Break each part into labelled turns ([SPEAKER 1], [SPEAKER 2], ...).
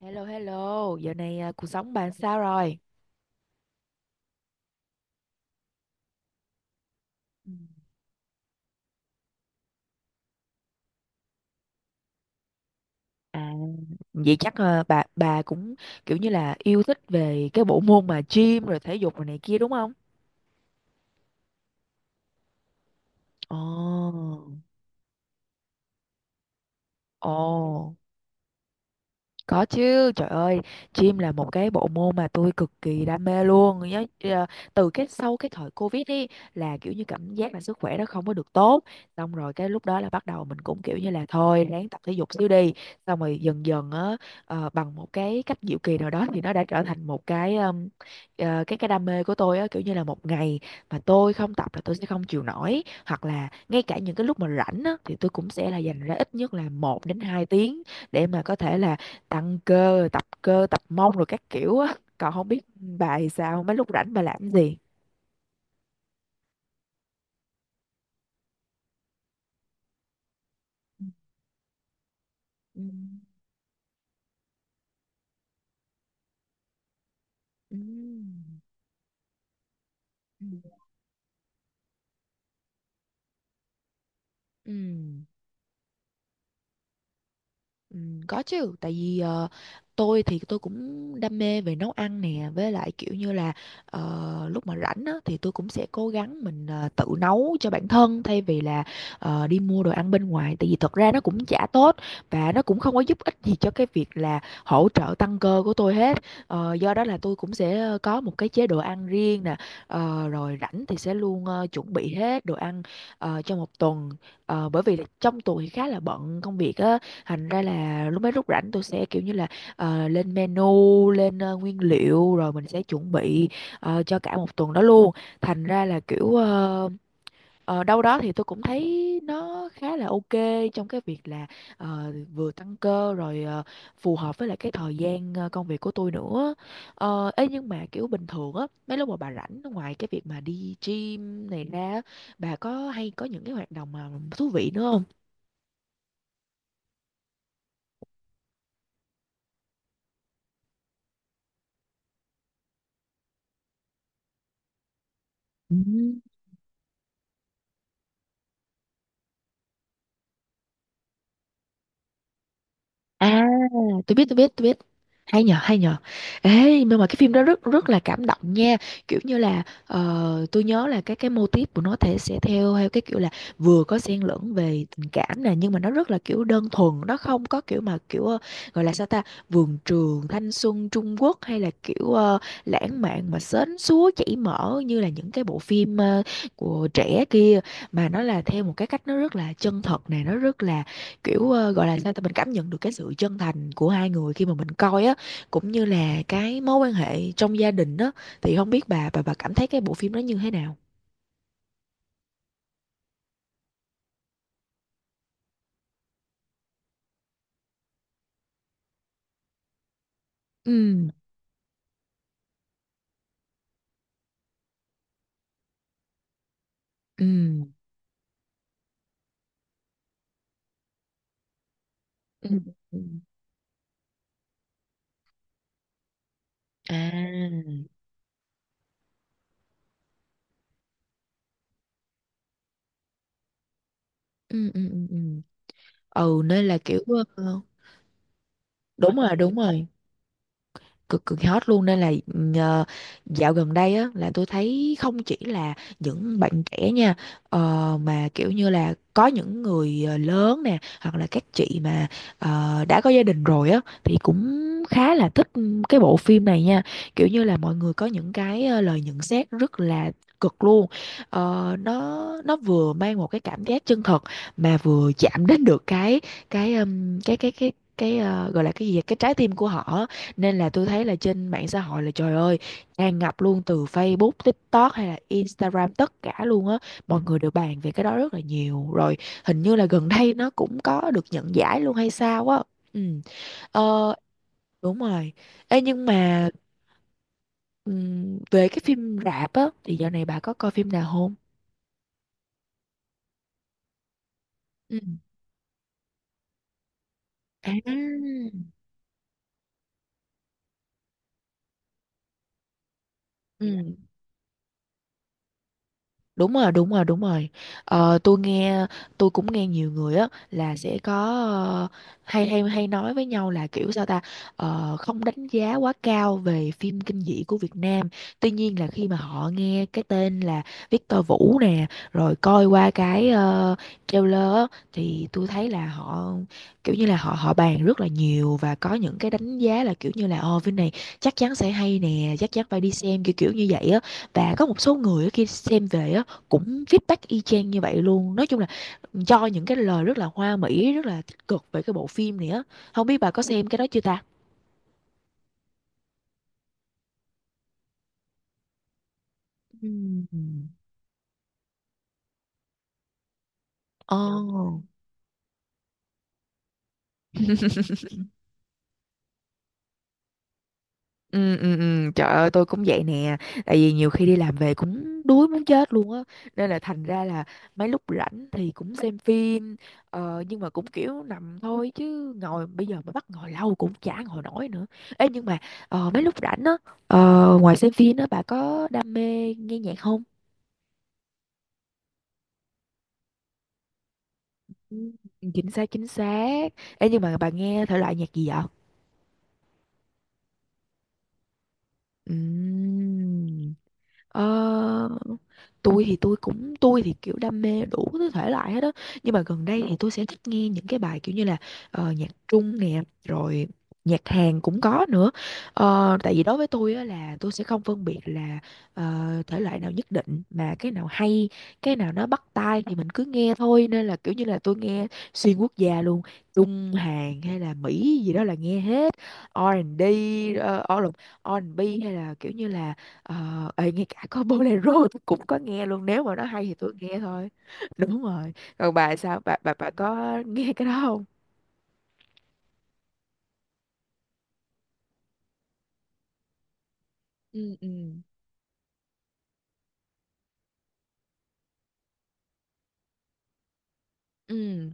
[SPEAKER 1] Hello hello, giờ này à, cuộc sống bà sao rồi? Ừ. À, vậy chắc à, bà cũng kiểu như là yêu thích về cái bộ môn mà gym rồi thể dục rồi này kia đúng không? Ồ, ồ. Có chứ, trời ơi, gym là một cái bộ môn mà tôi cực kỳ đam mê luôn. Nhớ từ cái sau cái thời Covid đi là kiểu như cảm giác là sức khỏe nó không có được tốt. Xong rồi cái lúc đó là bắt đầu mình cũng kiểu như là thôi ráng tập thể dục xíu đi. Xong rồi dần dần á bằng một cái cách diệu kỳ nào đó thì nó đã trở thành một cái cái đam mê của tôi á, kiểu như là một ngày mà tôi không tập là tôi sẽ không chịu nổi, hoặc là ngay cả những cái lúc mà rảnh á thì tôi cũng sẽ là dành ra ít nhất là một đến 2 tiếng để mà có thể là tăng cơ, tập cơ, tập mông rồi các kiểu á. Còn không biết bà thì sao, mấy lúc rảnh bà làm cái gì? Ừ. Ừ. Ừ. Ừ. Có chứ, tại vì tôi thì tôi cũng đam mê về nấu ăn nè, với lại kiểu như là lúc mà rảnh á, thì tôi cũng sẽ cố gắng mình tự nấu cho bản thân, thay vì là đi mua đồ ăn bên ngoài, tại vì thật ra nó cũng chả tốt và nó cũng không có giúp ích gì cho cái việc là hỗ trợ tăng cơ của tôi hết. Ờ, do đó là tôi cũng sẽ có một cái chế độ ăn riêng nè, rồi rảnh thì sẽ luôn chuẩn bị hết đồ ăn cho một tuần. Ờ, bởi vì là trong tuần thì khá là bận công việc á, thành ra là mấy lúc rảnh tôi sẽ kiểu như là lên menu, lên nguyên liệu rồi mình sẽ chuẩn bị cho cả một tuần đó luôn. Thành ra là kiểu đâu đó thì tôi cũng thấy nó khá là ok trong cái việc là vừa tăng cơ rồi phù hợp với lại cái thời gian công việc của tôi nữa. Ấy nhưng mà kiểu bình thường á, mấy lúc mà bà rảnh ngoài cái việc mà đi gym này ra á, bà có hay có những cái hoạt động mà thú vị nữa không? Ừ. À, tôi biết, tôi biết, tôi biết. Hay nhờ, hay nhờ. Ê nhưng mà cái phim đó rất rất là cảm động nha, kiểu như là tôi nhớ là cái mô típ của nó thể sẽ theo theo cái kiểu là vừa có xen lẫn về tình cảm nè, nhưng mà nó rất là kiểu đơn thuần, nó không có kiểu mà kiểu gọi là sao ta, vườn trường thanh xuân Trung Quốc hay là kiểu lãng mạn mà sến súa chảy mỡ như là những cái bộ phim của trẻ kia. Mà nó là theo một cái cách nó rất là chân thật nè, nó rất là kiểu gọi là sao ta, mình cảm nhận được cái sự chân thành của hai người khi mà mình coi á, cũng như là cái mối quan hệ trong gia đình á. Thì không biết bà cảm thấy cái bộ phim đó như thế nào? Ừ. Ừ. Ừ. Ừ. À. Ừ, ừ, ừ, ừ. Ừ nên là kiểu ờ, đúng rồi, đúng rồi, cực cực hot luôn, nên là ờ, dạo gần đây á là tôi thấy không chỉ là những bạn trẻ nha, mà kiểu như là có những người lớn nè, hoặc là các chị mà đã có gia đình rồi á thì cũng khá là thích cái bộ phim này nha. Kiểu như là mọi người có những cái lời nhận xét rất là cực luôn. Ờ, nó vừa mang một cái cảm giác chân thật mà vừa chạm đến được cái cái gọi là cái gì vậy? Cái trái tim của họ á. Nên là tôi thấy là trên mạng xã hội là trời ơi, tràn ngập luôn, từ Facebook, TikTok hay là Instagram, tất cả luôn á. Mọi người đều bàn về cái đó rất là nhiều. Rồi hình như là gần đây nó cũng có được nhận giải luôn hay sao á. Ừ. Ờ, đúng rồi. Ê nhưng mà về cái phim rạp á thì dạo này bà có coi phim nào không? Ừ. À. Ừ. Đúng rồi, đúng rồi, đúng rồi. Ờ, tôi nghe, tôi cũng nghe nhiều người á là sẽ có ờ, hay hay hay nói với nhau là kiểu sao ta. Ờ, không đánh giá quá cao về phim kinh dị của Việt Nam. Tuy nhiên là khi mà họ nghe cái tên là Victor Vũ nè, rồi coi qua cái trailer á, thì tôi thấy là họ kiểu như là họ họ bàn rất là nhiều, và có những cái đánh giá là kiểu như là ồ phim này chắc chắn sẽ hay nè, chắc chắn phải đi xem, kiểu kiểu như vậy á. Và có một số người á, khi xem về á cũng feedback y chang như vậy luôn. Nói chung là cho những cái lời rất là hoa mỹ, rất là tích cực về cái bộ phim này á. Không biết bà có xem cái đó chưa ta? Ừm. Trời Ồ. Ừ, ừ, ừ. Trời ơi tôi cũng vậy nè. Tại vì nhiều khi đi làm về cũng đuối muốn chết luôn á. Nên là thành ra là mấy lúc rảnh thì cũng xem phim nhưng mà cũng kiểu nằm thôi, chứ ngồi bây giờ mà bắt ngồi lâu cũng chả ngồi nổi nữa. Ê nhưng mà mấy lúc rảnh á ngoài xem phim á, bà có đam mê nghe nhạc không? Ừ, chính xác, chính xác. Ê nhưng mà bà nghe thể loại nhạc gì vậy? Ừm. Ờ, tôi thì tôi cũng, tôi thì kiểu đam mê đủ thứ thể loại hết đó, nhưng mà gần đây thì tôi sẽ thích nghe những cái bài kiểu như là nhạc Trung nè, rồi nhạc Hàn cũng có nữa. Ờ, tại vì đối với tôi á, là tôi sẽ không phân biệt là ờ, thể loại nào nhất định, mà cái nào hay, cái nào nó bắt tai thì mình cứ nghe thôi. Nên là kiểu như là tôi nghe xuyên quốc gia luôn, Trung, Hàn hay là Mỹ gì đó là nghe hết. R&B, uh, R&B hay là kiểu như là Ờ, ê, ngay cả có bolero tôi cũng có nghe luôn, nếu mà nó hay thì tôi nghe thôi. Đúng rồi, còn bà sao, bà có nghe cái đó không? Ừ. Ừ. Ừ.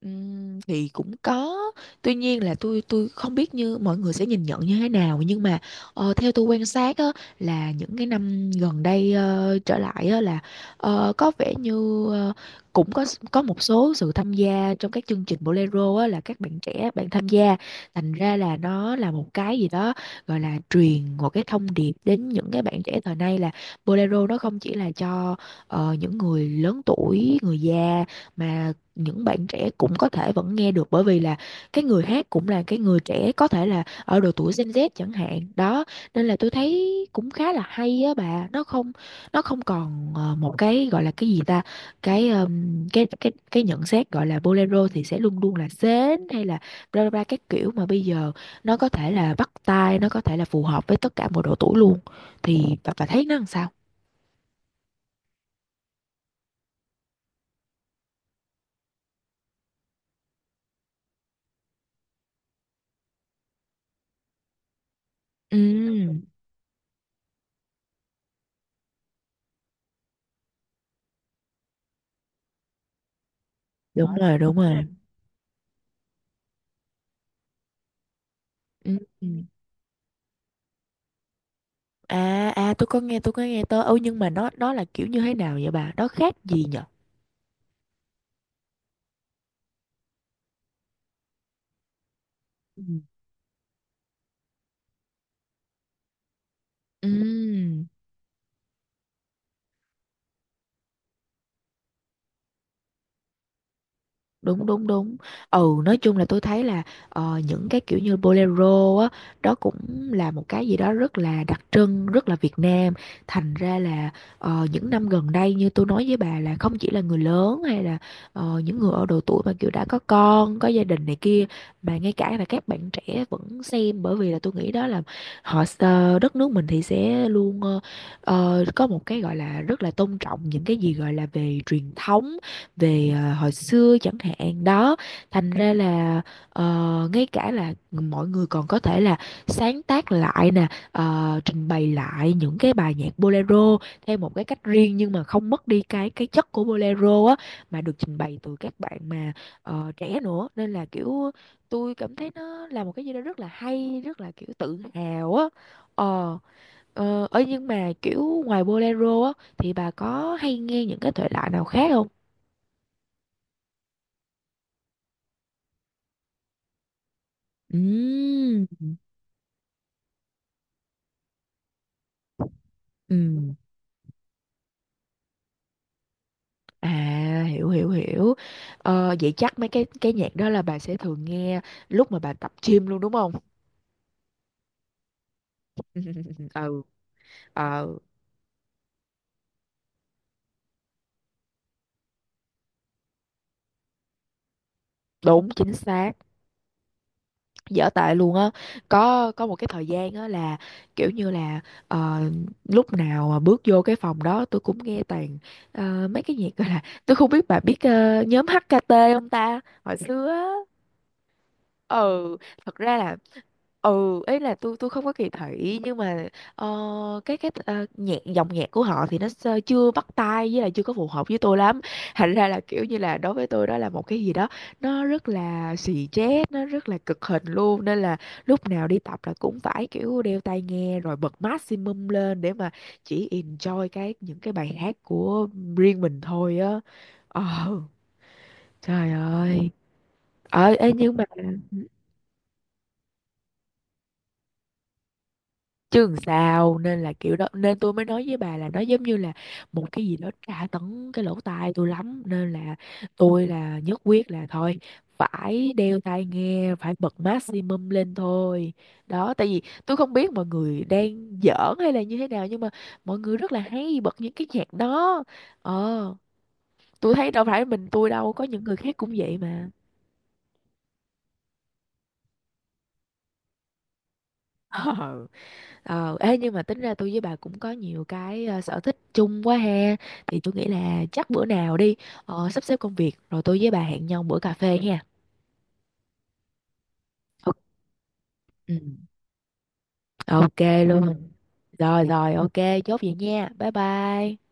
[SPEAKER 1] Thì cũng có. Tuy nhiên là tôi không biết như mọi người sẽ nhìn nhận như thế nào, nhưng mà theo tôi quan sát á, là những cái năm gần đây trở lại á, là có vẻ như cũng có một số sự tham gia trong các chương trình bolero á, là các bạn trẻ bạn tham gia. Thành ra là nó là một cái gì đó gọi là truyền một cái thông điệp đến những cái bạn trẻ thời nay, là bolero nó không chỉ là cho những người lớn tuổi, người già, mà những bạn trẻ cũng có thể vẫn nghe được, bởi vì là cái người hát cũng là cái người trẻ, có thể là ở độ tuổi Gen Z chẳng hạn đó. Nên là tôi thấy cũng khá là hay á bà, nó không, nó không còn một cái gọi là cái gì ta, cái cái nhận xét gọi là bolero thì sẽ luôn luôn là sến, hay là bla bla bla các kiểu, mà bây giờ nó có thể là bắt tai, nó có thể là phù hợp với tất cả mọi độ tuổi luôn. Thì bà thấy nó làm sao? Ừ, đúng rồi, đúng rồi. Ừ. À à, tôi có nghe, tôi có nghe tới. Ừ nhưng mà nó là kiểu như thế nào vậy bà? Nó khác gì nhở? Ừ. Ừ. Đúng, đúng, đúng. Ừ, nói chung là tôi thấy là những cái kiểu như bolero á, đó cũng là một cái gì đó rất là đặc trưng, rất là Việt Nam. Thành ra là những năm gần đây như tôi nói với bà, là không chỉ là người lớn hay là những người ở độ tuổi mà kiểu đã có con, có gia đình này kia, mà ngay cả là các bạn trẻ vẫn xem, bởi vì là tôi nghĩ đó là họ đất nước mình thì sẽ luôn có một cái gọi là rất là tôn trọng những cái gì gọi là về truyền thống, về à, hồi xưa chẳng hạn đó. Thành ra là ngay cả là mọi người còn có thể là sáng tác lại nè, trình bày lại những cái bài nhạc bolero theo một cái cách riêng, nhưng mà không mất đi cái chất của bolero á, mà được trình bày từ các bạn mà trẻ nữa, nên là kiểu tôi cảm thấy nó là một cái gì đó rất là hay, rất là kiểu tự hào á. Ờ, ờ ấy nhưng mà kiểu ngoài bolero á, thì bà có hay nghe những cái thể loại nào khác không? Ừm, ừm. À, hiểu, hiểu, hiểu. Ờ, vậy chắc mấy cái nhạc đó là bà sẽ thường nghe lúc mà bà tập gym luôn đúng không? Ừ, ờ, đúng, chính xác. Dở tệ luôn á. Có một cái thời gian á là kiểu như là ờ, lúc nào mà bước vô cái phòng đó tôi cũng nghe toàn mấy cái nhạc, gọi là tôi không biết bà biết nhóm HKT không ta? Hồi xưa á. Ừ, thật ra là ừ ấy là tôi không có kỳ thị, nhưng mà ờ, cái nhạc, dòng nhạc của họ thì nó sơ- chưa bắt tai, với lại chưa có phù hợp với tôi lắm. Thành ra là kiểu như là đối với tôi đó là một cái gì đó nó rất là xì chét, nó rất là cực hình luôn. Nên là lúc nào đi tập là cũng phải kiểu đeo tai nghe rồi bật maximum lên để mà chỉ enjoy cái những cái bài hát của riêng mình thôi á. Ờ, trời ơi. Ờ, ê, nhưng mà ừ. Chứ làm sao, nên là kiểu đó, nên tôi mới nói với bà là nó giống như là một cái gì đó tra tấn cái lỗ tai tôi lắm, nên là tôi là nhất quyết là thôi phải đeo tai nghe, phải bật maximum lên thôi. Đó, tại vì tôi không biết mọi người đang giỡn hay là như thế nào, nhưng mà mọi người rất là hay bật những cái nhạc đó. Ờ, tôi thấy đâu phải mình tôi đâu, có những người khác cũng vậy mà. Ờ, ê, nhưng mà tính ra tôi với bà cũng có nhiều cái sở thích chung quá ha. Thì tôi nghĩ là chắc bữa nào đi sắp xếp công việc rồi tôi với bà hẹn nhau bữa cà phê ha. Ok, ừ, ok luôn. Rồi rồi, ok, chốt vậy nha. Bye bye.